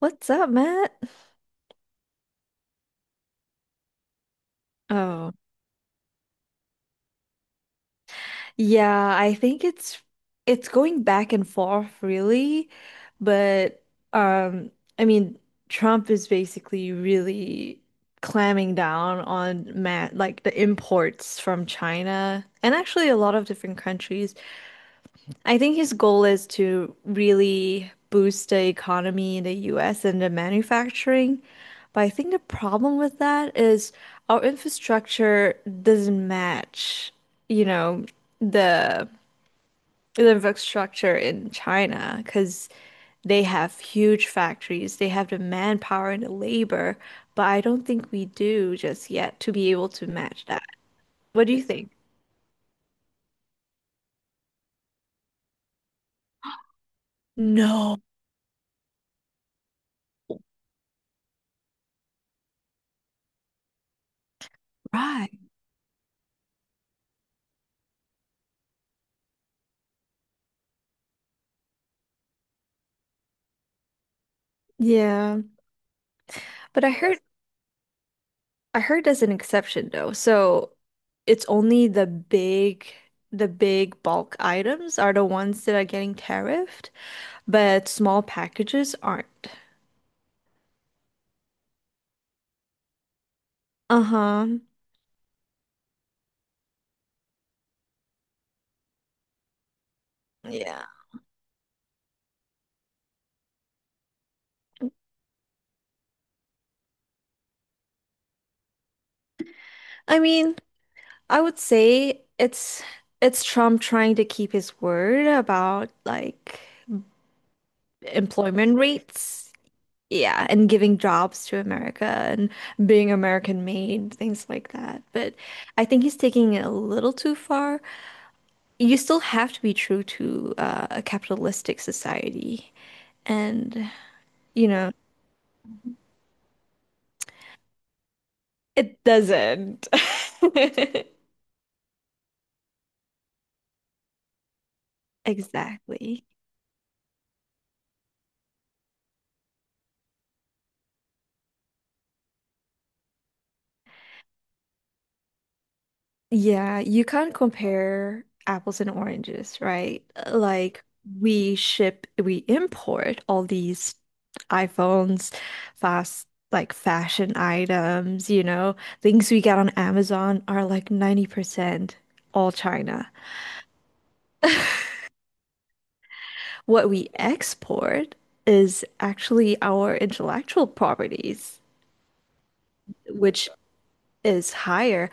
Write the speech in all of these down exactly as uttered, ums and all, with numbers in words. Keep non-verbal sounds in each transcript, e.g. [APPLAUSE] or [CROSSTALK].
What's up, Matt? Oh, yeah, I think it's it's going back and forth really, but um I mean Trump is basically really clamming down on Matt like the imports from China and actually a lot of different countries. I think his goal is to really boost the economy in the U S and the manufacturing. But I think the problem with that is our infrastructure doesn't match, you know, the the infrastructure in China because they have huge factories, they have the manpower and the labor, but I don't think we do just yet to be able to match that. What do you think? No, right. Yeah, but I heard I heard as an exception though. So it's only the big the big bulk items are the ones that are getting tariffed, but small packages aren't. Uh-huh. Yeah. I mean, I would say it's it's Trump trying to keep his word about like employment rates. Yeah, and giving jobs to America and being American made, things like that. But I think he's taking it a little too far. You still have to be true to uh, a capitalistic society. And, you know, it doesn't. [LAUGHS] Exactly. Yeah, you can't compare apples and oranges, right? Like we ship, we import all these iPhones, fast like fashion items, you know, things we get on Amazon are like ninety percent all China. What we export is actually our intellectual properties, which is higher.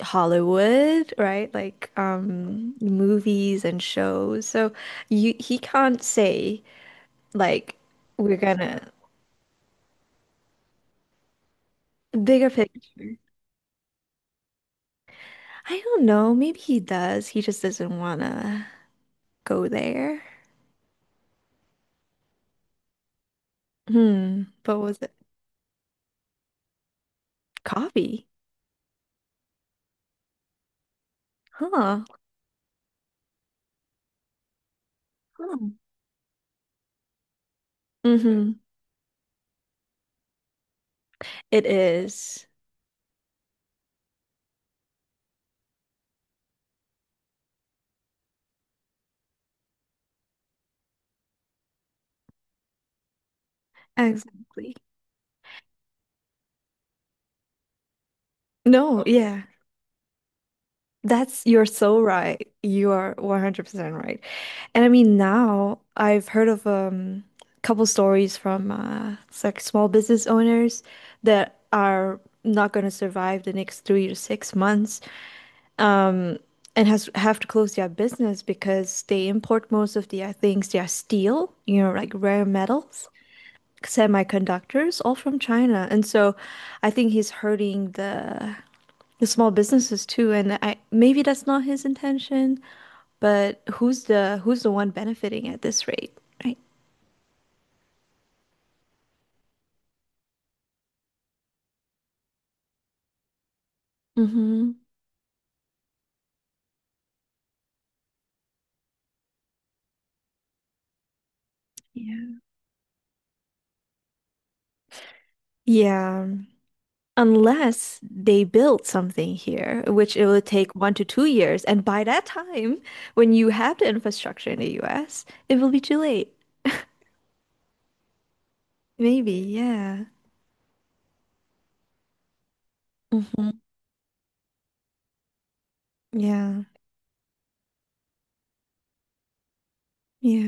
Hollywood, right? Like um movies and shows. So you he can't say like we're gonna bigger picture. I don't know. Maybe he does. He just doesn't wanna go there. Hmm. But was it coffee? Huh. Hmm. Mm-hmm. It is. Exactly. No, yeah. That's you're so right. You are one hundred percent right. And I mean now I've heard of um couple stories from uh it's like small business owners that are not going to survive the next three to six months, um and has have to close their business because they import most of their things, their steel, you know, like rare metals, semiconductors all from China. And so I think he's hurting the the small businesses too, and I maybe that's not his intention, but who's the who's the one benefiting at this rate, right? Mm-hmm. Yeah. Yeah, unless they build something here, which it will take one to two years, and by that time, when you have the infrastructure in the U S, it will be too late. Maybe, yeah. Hmm. Yeah. Yeah.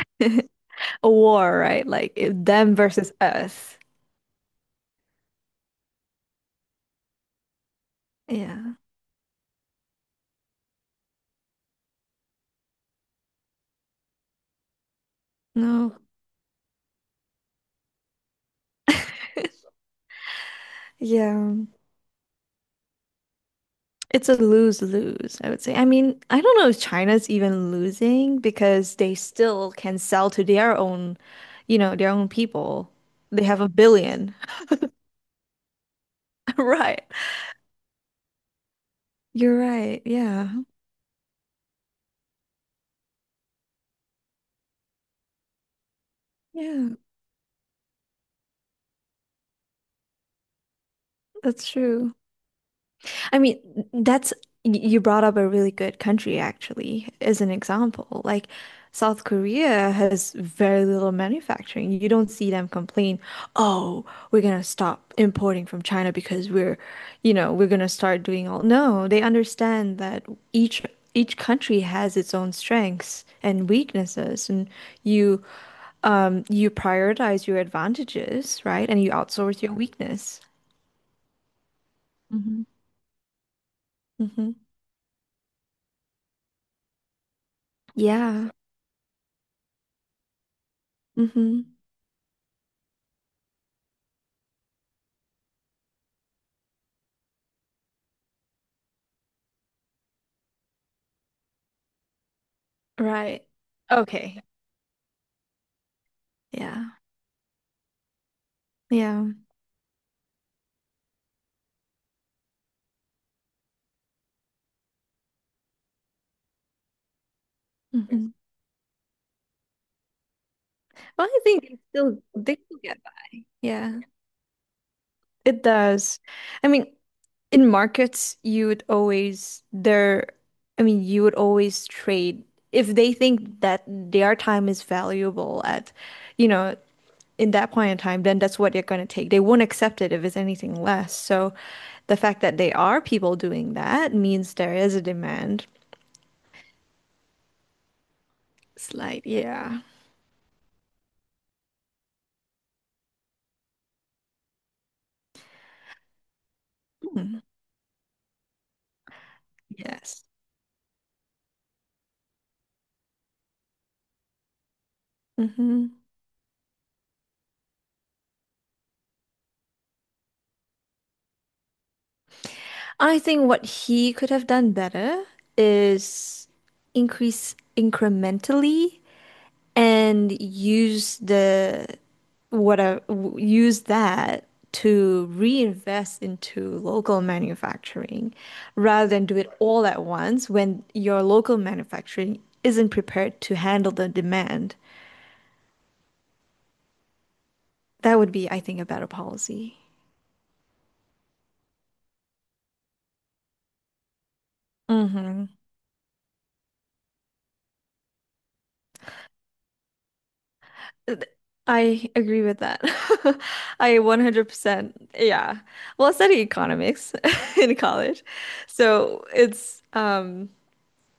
[LAUGHS] A war, right? Like it- them versus us. Yeah. No. [LAUGHS] Yeah. It's a lose-lose, I would say. I mean, I don't know if China's even losing because they still can sell to their own, you know, their own people. They have a billion. [LAUGHS] Right. You're right. Yeah. Yeah, that's true. I mean, that's you brought up a really good country actually as an example. Like South Korea has very little manufacturing. You don't see them complain, "Oh, we're gonna stop importing from China because we're, you know, we're gonna start doing all." No, they understand that each each country has its own strengths and weaknesses, and you um you prioritize your advantages, right? And you outsource your weakness. Mhm. Hmm. Yeah. Hmm. Right. Okay. Yeah. Yeah. Yes. Hmm. Well, I think it's still they still get that. Yeah, it does. I mean, in markets, you would always there. I mean, you would always trade if they think that their time is valuable at, you know, in that point in time. Then that's what they're going to take. They won't accept it if it's anything less. So the fact that they are people doing that means there is a demand. It's like, yeah. Hmm. Yes. Mm-hmm. I think what he could have done better is increase incrementally and use the what a, w- use that to reinvest into local manufacturing rather than do it all at once when your local manufacturing isn't prepared to handle the demand. That would be, I think, a better policy. Hmm. Th- I agree with that. [LAUGHS] I one hundred percent. Yeah. Well, I studied economics [LAUGHS] in college. So it's, um,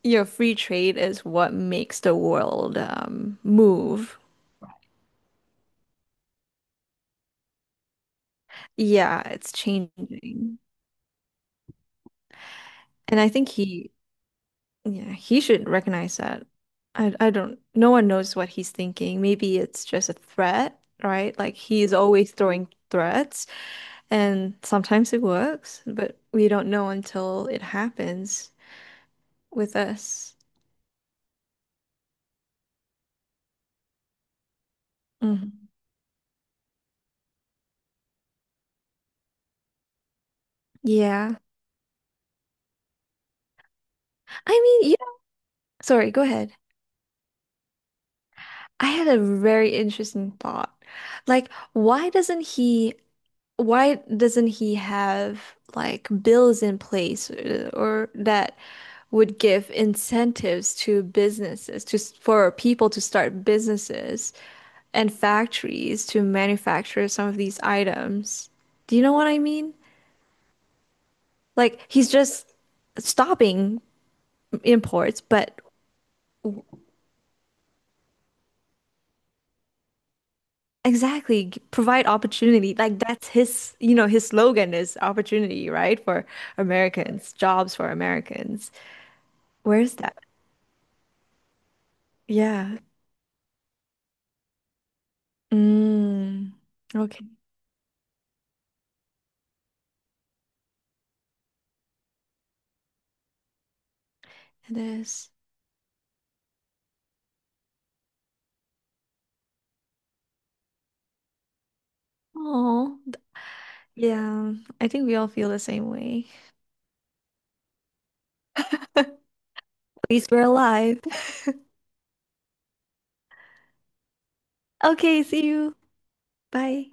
you know, free trade is what makes the world, um, move. Yeah, it's changing. And I think he, yeah, he should recognize that. I, I don't, no one knows what he's thinking. Maybe it's just a threat, right? Like he's always throwing threats. And sometimes it works, but we don't know until it happens with us. Mhm. Yeah. I mean, yeah. Sorry, go ahead. I had a very interesting thought. Like, why doesn't he, why doesn't he have like bills in place uh, or that would give incentives to businesses to s- for people to start businesses and factories to manufacture some of these items? Do you know what I mean? Like he's just stopping imports, but exactly provide opportunity. Like that's his, you know, his slogan is opportunity, right? For Americans, jobs for Americans. Where is that? Yeah. Mm. Okay, it is. Oh, yeah. I think we all feel the same way. [LAUGHS] At least we're alive. [LAUGHS] Okay, see you. Bye.